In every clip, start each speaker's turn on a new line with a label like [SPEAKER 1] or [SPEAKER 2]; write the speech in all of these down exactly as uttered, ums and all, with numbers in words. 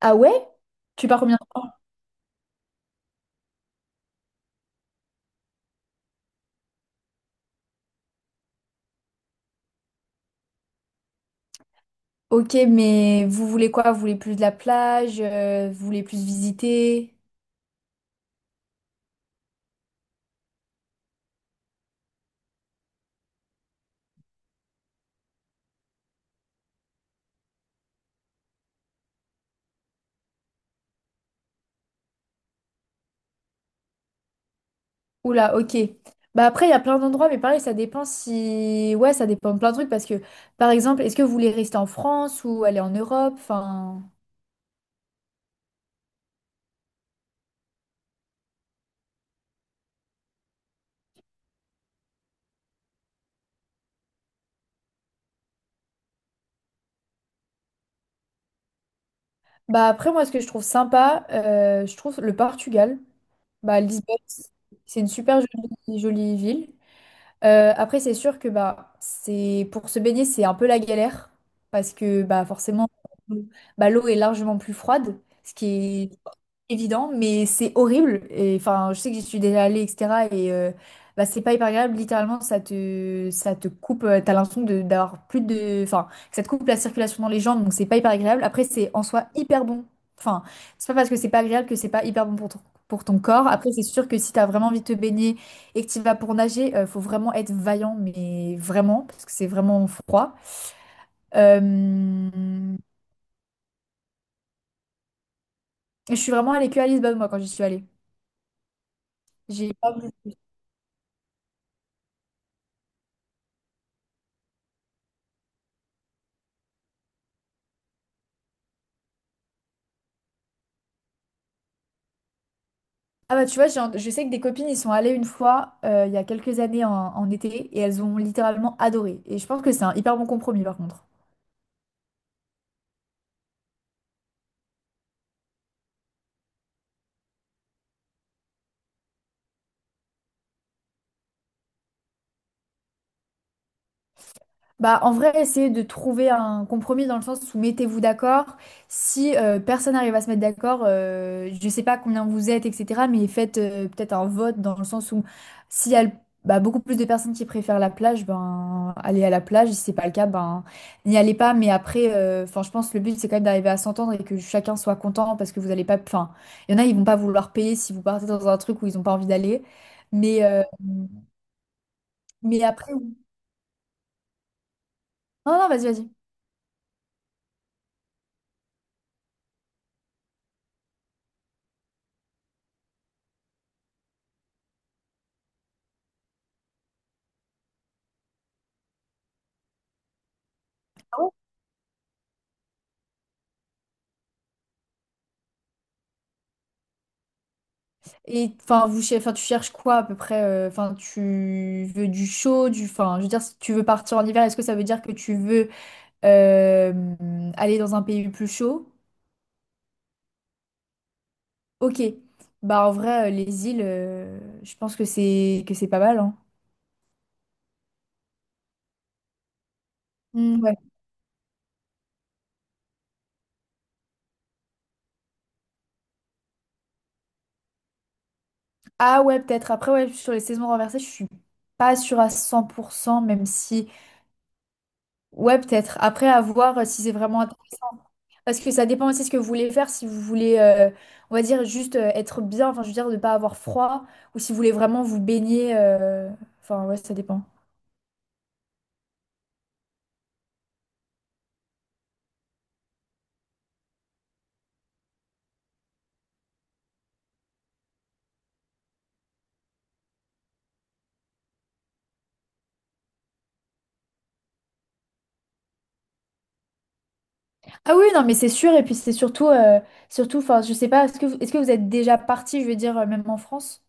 [SPEAKER 1] Ah ouais? Tu pars combien de temps? Ok, mais vous voulez quoi? Vous voulez plus de la plage? Euh, vous voulez plus visiter? Oula, ok. Bah après, il y a plein d'endroits, mais pareil, ça dépend si... Ouais, ça dépend de plein de trucs, parce que, par exemple, est-ce que vous voulez rester en France ou aller en Europe? Enfin... Bah après, moi, ce que je trouve sympa, euh, je trouve le Portugal. Bah Lisbonne, c'est une super jolie, jolie ville. Euh, après, c'est sûr que bah, c'est pour se baigner, c'est un peu la galère parce que bah, forcément, bah, l'eau est largement plus froide, ce qui est évident, mais c'est horrible. Et enfin, je sais que j'y suis déjà allée, et cetera. Et euh, bah, c'est pas hyper agréable. Littéralement, ça te, ça te coupe. euh, T'as l'impression de- d'avoir plus de, enfin, que ça te coupe la circulation dans les jambes, donc c'est pas hyper agréable. Après, c'est en soi hyper bon. Enfin, c'est pas parce que c'est pas agréable que c'est pas hyper bon pour ton, pour ton corps. Après, c'est sûr que si t'as vraiment envie de te baigner et que tu vas pour nager, euh, faut vraiment être vaillant, mais vraiment, parce que c'est vraiment froid. Euh, je suis vraiment allée que à Lisbonne, moi, quand j'y suis allée. J'ai pas voulu plus. Ah bah tu vois, j'ai un- je sais que des copines, ils sont allées une fois, euh, il y a quelques années en, en été, et elles ont littéralement adoré. Et je pense que c'est un hyper bon compromis, par contre. Bah, en vrai, essayez de trouver un compromis dans le sens où mettez-vous d'accord. Si euh, personne n'arrive à se mettre d'accord, euh, je ne sais pas combien vous êtes, et cetera. Mais faites euh, peut-être un vote dans le sens où s'il y a le- bah, beaucoup plus de personnes qui préfèrent la plage, ben allez à la plage. Si c'est pas le cas, ben n'y allez pas. Mais après, euh, enfin, je pense que le but c'est quand même d'arriver à s'entendre et que chacun soit content parce que vous n'allez pas. Enfin, il y en a, ils vont pas vouloir payer si vous partez dans un truc où ils n'ont pas envie d'aller. Mais euh, mais après, oui. Non, non, vas-y, vas-y. Et enfin, vous, cher- enfin, tu cherches quoi à peu près? euh, Enfin, tu veux du chaud, du. Enfin, je veux dire, si tu veux partir en hiver, est-ce que ça veut dire que tu veux euh, aller dans un pays plus chaud? Ok. Bah en vrai, euh, les îles, euh, je pense que c'est que c'est pas mal, hein. Hmm, ouais. Ah ouais, peut-être. Après, ouais, sur les saisons renversées, je suis pas sûre à cent pour cent même si. Ouais, peut-être. Après, à voir euh, si c'est vraiment. Parce que ça dépend aussi ce que vous voulez faire, si vous voulez, euh, on va dire, juste euh, être bien, enfin, je veux dire, ne pas avoir froid, ou si vous voulez vraiment vous baigner, euh, enfin, ouais, ça dépend. Ah oui, non, mais c'est sûr, et puis c'est surtout, euh, surtout, enfin, je sais pas, est-ce que vous, est-ce que vous êtes déjà parti, je veux dire, euh, même en France?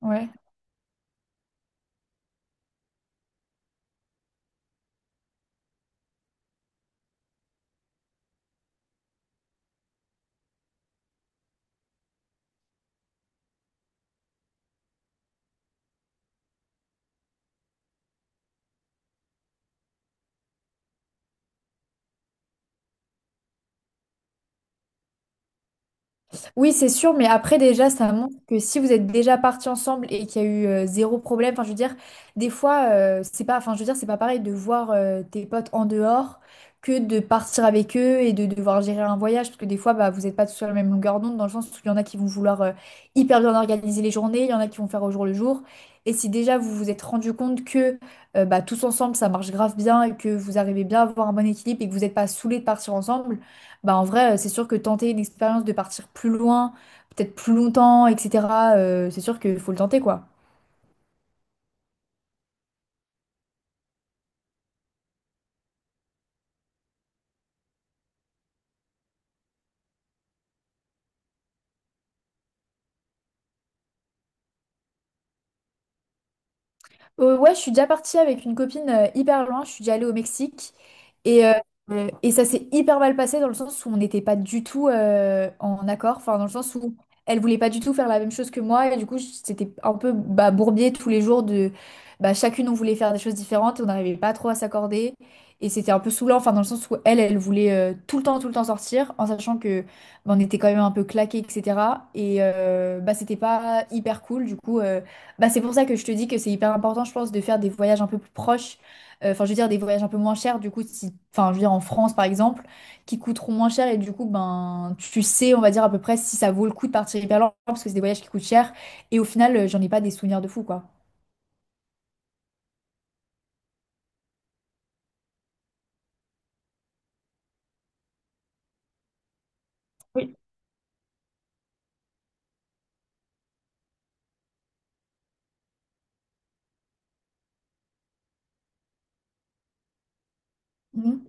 [SPEAKER 1] Ouais. Oui, c'est sûr, mais après déjà, ça montre que si vous êtes déjà partis ensemble et qu'il y a eu euh, zéro problème, enfin je veux dire, des fois, euh, c'est pas, enfin je veux dire, c'est pas pareil de voir euh, tes potes en dehors que de partir avec eux et de devoir gérer un voyage, parce que des fois, bah, vous n'êtes pas tous sur la même longueur d'onde, dans le sens où il y en a qui vont vouloir euh, hyper bien organiser les journées, il y en a qui vont faire au jour le jour. Et si déjà vous vous êtes rendu compte que euh, bah, tous ensemble, ça marche grave bien et que vous arrivez bien à avoir un bon équilibre et que vous n'êtes pas saoulés de partir ensemble. Bah en vrai, euh, c'est sûr que tenter une expérience de partir plus loin, peut-être plus longtemps, et cetera, euh, c'est sûr qu'il faut le tenter, quoi. Euh, ouais, je suis déjà partie avec une copine euh, hyper loin. Je suis déjà allée au Mexique. Et, euh, euh, et ça s'est hyper mal passé dans le sens où on n'était pas du tout euh, en accord. Enfin, dans le sens où elle voulait pas du tout faire la même chose que moi. Et du coup, c'était un peu bah, bourbier tous les jours de... Bah, chacune, on voulait faire des choses différentes. et On n'arrivait pas trop à s'accorder. Et c'était un peu saoulant. Enfin, dans le sens où elle, elle voulait euh, tout le temps, tout le temps sortir. En sachant que bah, on était quand même un peu claqués, et cetera. Et euh, bah, c'était pas hyper cool. Du coup... euh, bah, c'est pour ça que je te dis que c'est hyper important, je pense, de faire des voyages un peu plus proches. Euh, Enfin, je veux dire, des voyages un peu moins chers, du coup, si... enfin, je veux dire, en France, par exemple, qui coûteront moins cher. Et du coup, ben, tu sais, on va dire à peu près si ça vaut le coup de partir hyper loin, parce que c'est des voyages qui coûtent cher. Et au final, euh, j'en ai pas des souvenirs de fou, quoi. Oui.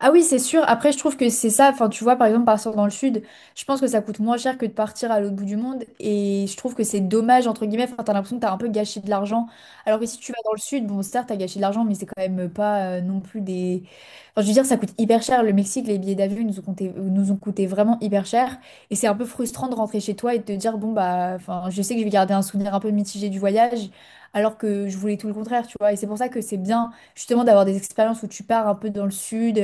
[SPEAKER 1] Ah oui, c'est sûr. Après, je trouve que c'est ça. Enfin, tu vois, par exemple, partir dans le sud, je pense que ça coûte moins cher que de partir à l'autre bout du monde. Et je trouve que c'est dommage, entre guillemets. Enfin, t'as l'impression que t'as un peu gâché de l'argent. Alors que si tu vas dans le sud, bon, certes, t'as gâché de l'argent, mais c'est quand même pas euh, non plus des. Enfin, je veux dire, ça coûte hyper cher. Le Mexique, les billets d'avion, ils nous ont coûté, nous ont coûté vraiment hyper cher. Et c'est un peu frustrant de rentrer chez toi et de te dire, bon, bah, enfin, je sais que je vais garder un souvenir un peu mitigé du voyage. Alors que je voulais tout le contraire, tu vois. Et c'est pour ça que c'est bien, justement, d'avoir des expériences où tu pars un peu dans le sud,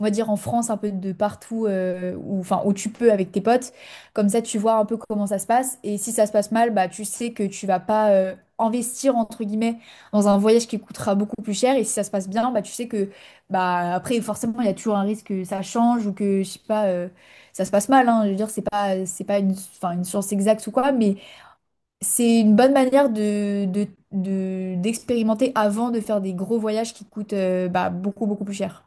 [SPEAKER 1] on va dire en France, un peu de partout, euh, où, enfin, où tu peux avec tes potes. Comme ça, tu vois un peu comment ça se passe. Et si ça se passe mal, bah, tu sais que tu vas pas euh, investir, entre guillemets, dans un voyage qui coûtera beaucoup plus cher. Et si ça se passe bien, bah, tu sais que, bah, après, forcément, il y a toujours un risque que ça change ou que, je sais pas, euh, ça se passe mal. hein. Je veux dire, c'est pas, c'est pas une, enfin, une science exacte ou quoi, mais c'est une bonne manière de, de- de- d'expérimenter avant de faire des gros voyages qui coûtent, euh, bah, beaucoup, beaucoup plus cher.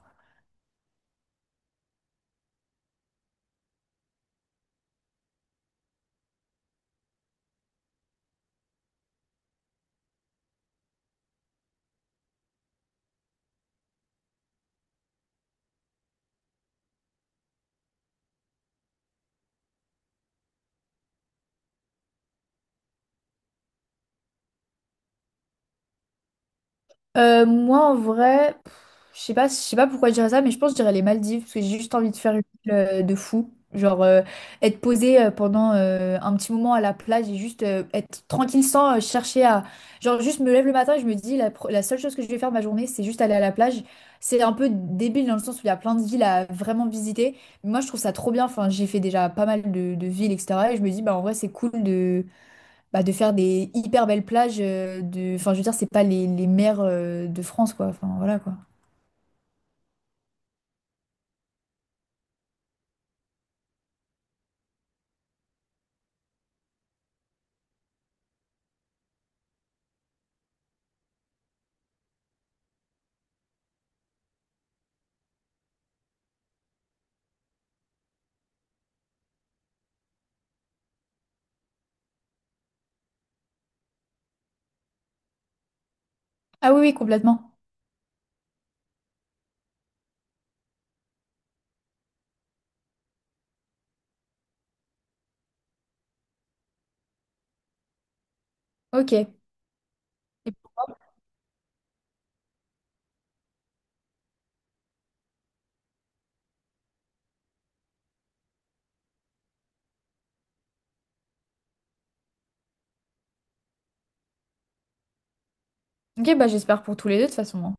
[SPEAKER 1] Euh, moi, en vrai, pff, je sais pas, je sais pas pourquoi je dirais ça, mais je pense que je dirais les Maldives, parce que j'ai juste envie de faire une île euh, de fou. Genre, euh, être posée euh, pendant euh, un petit moment à la plage et juste euh, être tranquille sans euh, chercher à... Genre, juste me lève le matin et je me dis, la, pro- la seule chose que je vais faire de ma journée, c'est juste aller à la plage. C'est un peu débile dans le sens où il y a plein de villes à vraiment visiter. Mais moi, je trouve ça trop bien. Enfin, j'ai fait déjà pas mal de, de villes, et cetera. Et je me dis, bah, en vrai, c'est cool de bah, de faire des hyper belles plages euh, de... Enfin, je veux dire, c'est pas les, les mers euh, de France, quoi. Enfin, voilà, quoi. Ah oui, oui, complètement. Ok. Ok, bah j'espère pour tous les deux, de toute façon. hein.